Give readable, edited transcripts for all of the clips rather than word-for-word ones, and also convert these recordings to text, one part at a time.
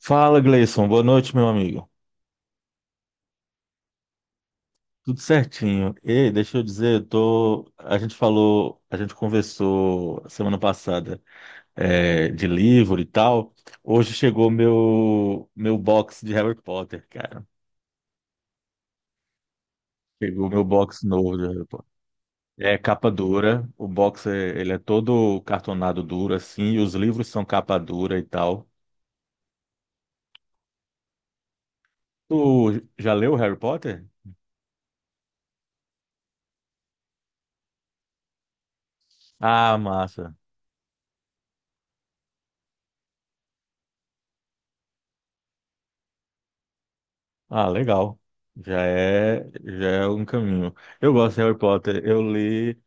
Fala, Gleison. Boa noite, meu amigo. Tudo certinho. Ei, deixa eu dizer, eu tô... a gente falou, a gente conversou semana passada de livro e tal. Hoje chegou meu box de Harry Potter, cara. Chegou meu box novo de Harry Potter. É capa dura, o box é, ele é todo cartonado duro assim, e os livros são capa dura e tal. Tu já leu Harry Potter? Ah, massa. Ah, legal. Já é um caminho. Eu gosto de Harry Potter. Eu li,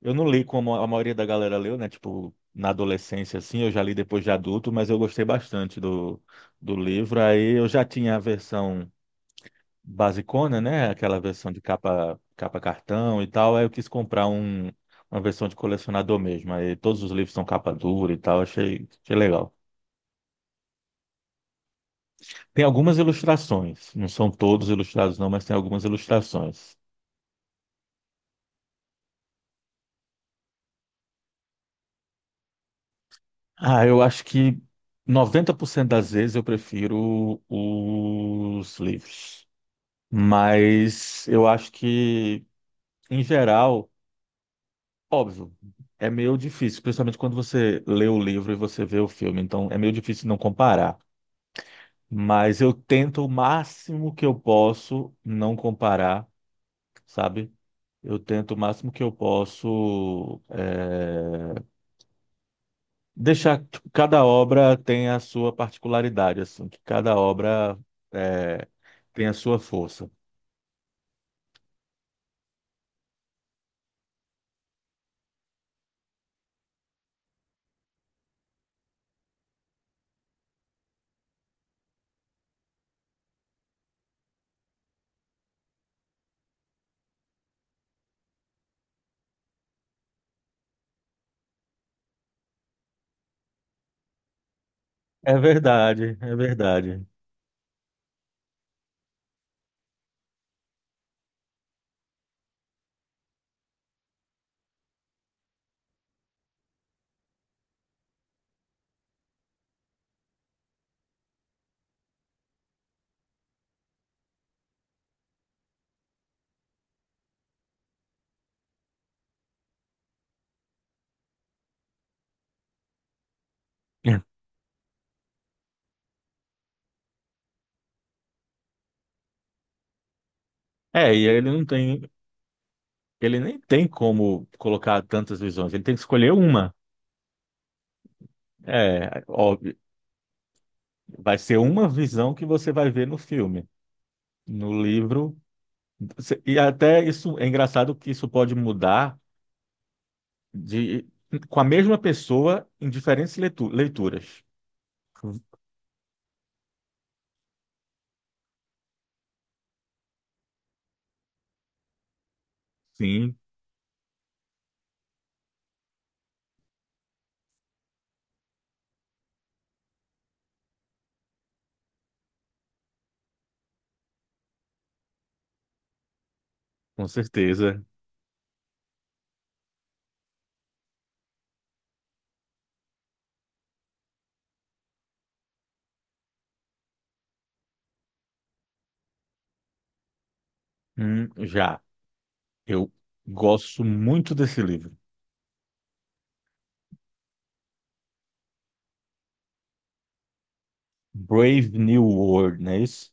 eu não li como a maioria da galera leu, né? Tipo, na adolescência, assim, eu já li depois de adulto, mas eu gostei bastante do livro. Aí eu já tinha a versão basicona, né? Aquela versão de capa, capa cartão e tal. Aí eu quis uma versão de colecionador mesmo. Aí todos os livros são capa dura e tal. Achei legal. Tem algumas ilustrações. Não são todos ilustrados, não, mas tem algumas ilustrações. Ah, eu acho que 90% das vezes eu prefiro os livros. Mas eu acho que, em geral, óbvio, é meio difícil, principalmente quando você lê o livro e você vê o filme. Então, é meio difícil não comparar. Mas eu tento o máximo que eu posso não comparar, sabe? Eu tento o máximo que eu posso. Deixar que cada obra tem a sua particularidade, assim, que cada obra é, tem a sua força. É verdade, é verdade. É, e ele nem tem como colocar tantas visões, ele tem que escolher uma. É, óbvio, vai ser uma visão que você vai ver no filme, no livro. E até isso é engraçado que isso pode mudar de com a mesma pessoa em diferentes leituras. Sim, com certeza. Já. Eu gosto muito desse livro. Brave New World, não é isso?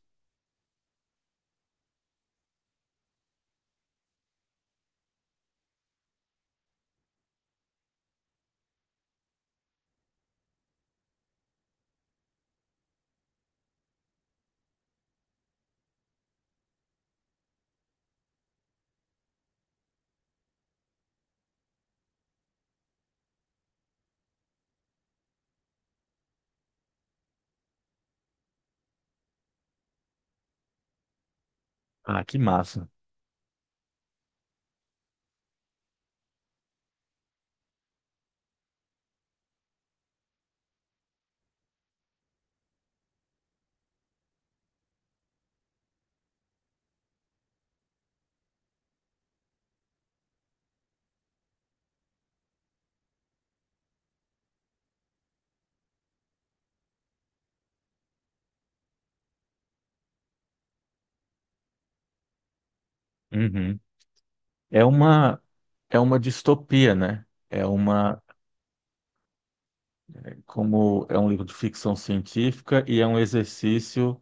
Ah, que massa. Uhum. É uma É uma distopia, né? É uma, como é um livro de ficção científica e é um exercício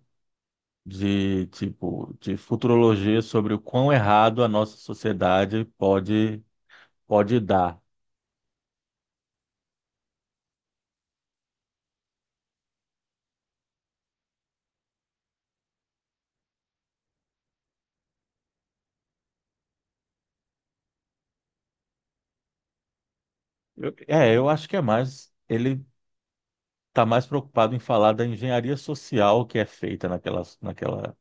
de tipo de futurologia sobre o quão errado a nossa sociedade pode dar. Eu acho que é mais ele está mais preocupado em falar da engenharia social que é feita naquela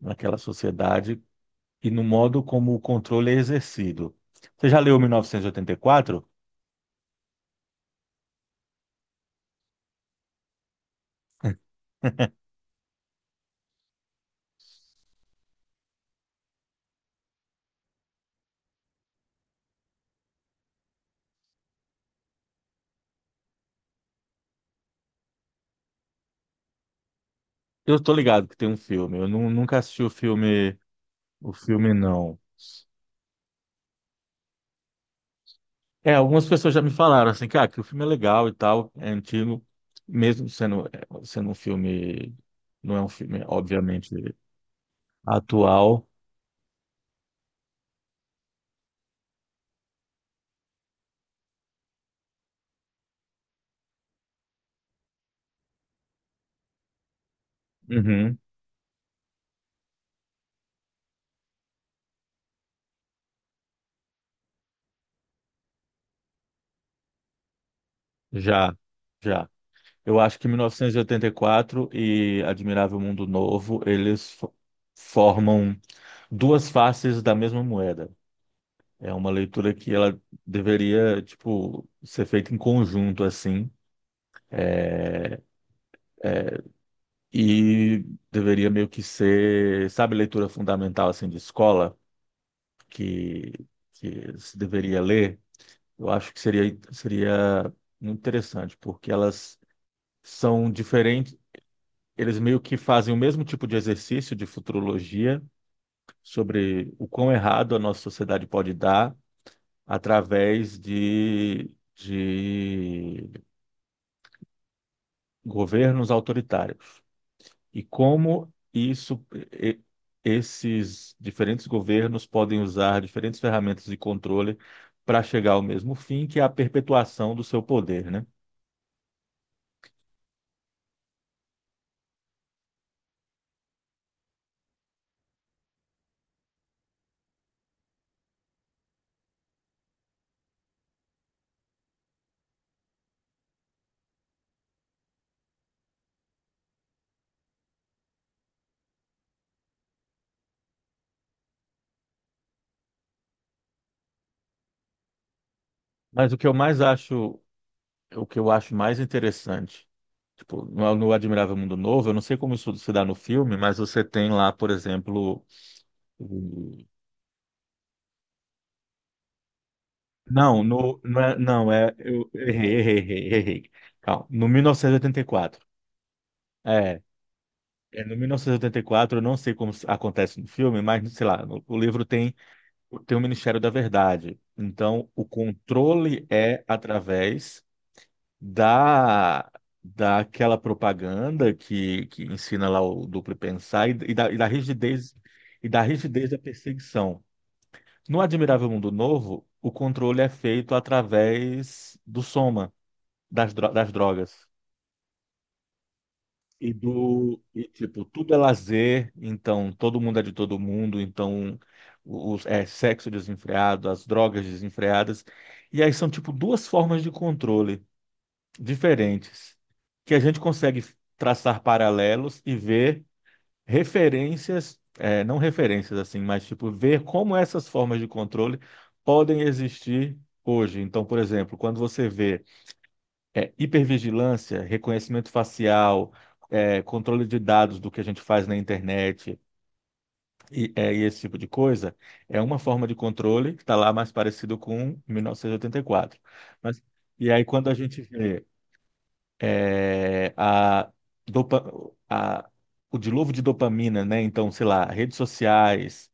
naquela sociedade e no modo como o controle é exercido. Você já leu 1984? Eu estou ligado que tem um filme. Eu nunca assisti o filme não. É, algumas pessoas já me falaram assim, cara, que o filme é legal e tal, é antigo, mesmo sendo, é, sendo um filme, não é um filme, obviamente, atual. Uhum, já, já. Eu acho que 1984 e oitenta e quatro e Admirável Mundo Novo, formam duas faces da mesma moeda. É uma leitura que ela deveria, tipo, ser feita em conjunto, assim, é, e deveria meio que ser, sabe, leitura fundamental, assim, de escola, que, que se deveria ler. Eu acho que seria muito interessante, porque elas são diferentes, eles meio que fazem o mesmo tipo de exercício de futurologia sobre o quão errado a nossa sociedade pode dar através de governos autoritários. E como e- esses diferentes governos podem usar diferentes ferramentas de controle para chegar ao mesmo fim, que é a perpetuação do seu poder, né? Mas o que eu mais acho, o que eu acho mais interessante, tipo, no Admirável Mundo Novo, eu não sei como isso se dá no filme, mas você tem lá, por exemplo, o não, eu errei. Calma, no 1984. É, no 1984, eu não sei como acontece no filme, mas sei lá, o livro tem, tem o Ministério da Verdade. Então, o controle é através da, daquela propaganda que ensina lá o duplo pensar e da rigidez, e da rigidez da perseguição. No Admirável Mundo Novo, o controle é feito através do soma. Das drogas. E tipo, tudo é lazer, então todo mundo é de todo mundo, então é sexo desenfreado, as drogas desenfreadas. E aí são, tipo, duas formas de controle diferentes que a gente consegue traçar paralelos e ver referências, é, não referências assim, mas, tipo, ver como essas formas de controle podem existir hoje. Então, por exemplo, quando você vê hipervigilância, reconhecimento facial, é, controle de dados do que a gente faz na internet e esse tipo de coisa, é uma forma de controle que está lá mais parecido com 1984. Mas, e aí, quando a gente vê é, a, dopa, a, o dilúvio de dopamina, né? Então, sei lá, redes sociais.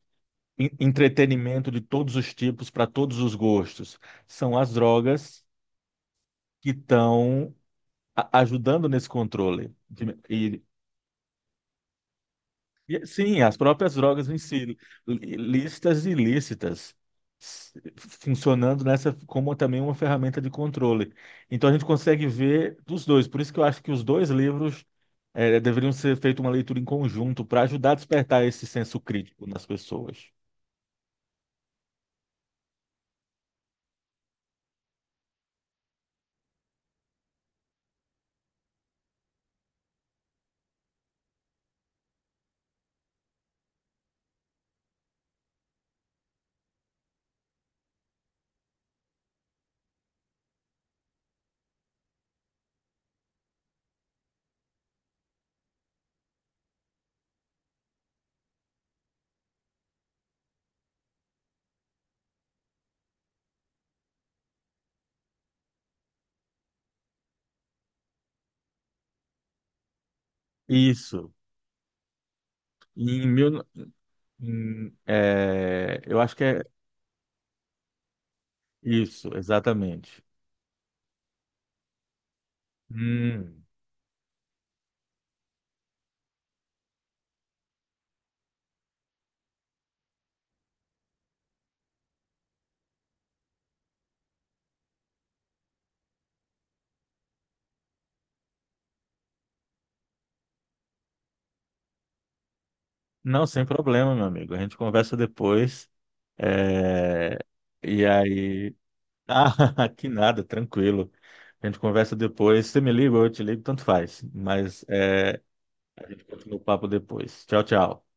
Entretenimento de todos os tipos, para todos os gostos. São as drogas que estão ajudando nesse controle. Sim, as próprias drogas em si, lícitas e ilícitas, funcionando nessa como também uma ferramenta de controle. Então a gente consegue ver dos dois. Por isso que eu acho que os dois livros deveriam ser feita uma leitura em conjunto para ajudar a despertar esse senso crítico nas pessoas. Isso. Em mil, eu acho que é isso, exatamente. Hum. Não, sem problema, meu amigo. A gente conversa depois. É, e aí. Ah, que nada, tranquilo. A gente conversa depois. Você me liga ou eu te ligo, tanto faz. Mas é, a gente continua o papo depois. Tchau, tchau.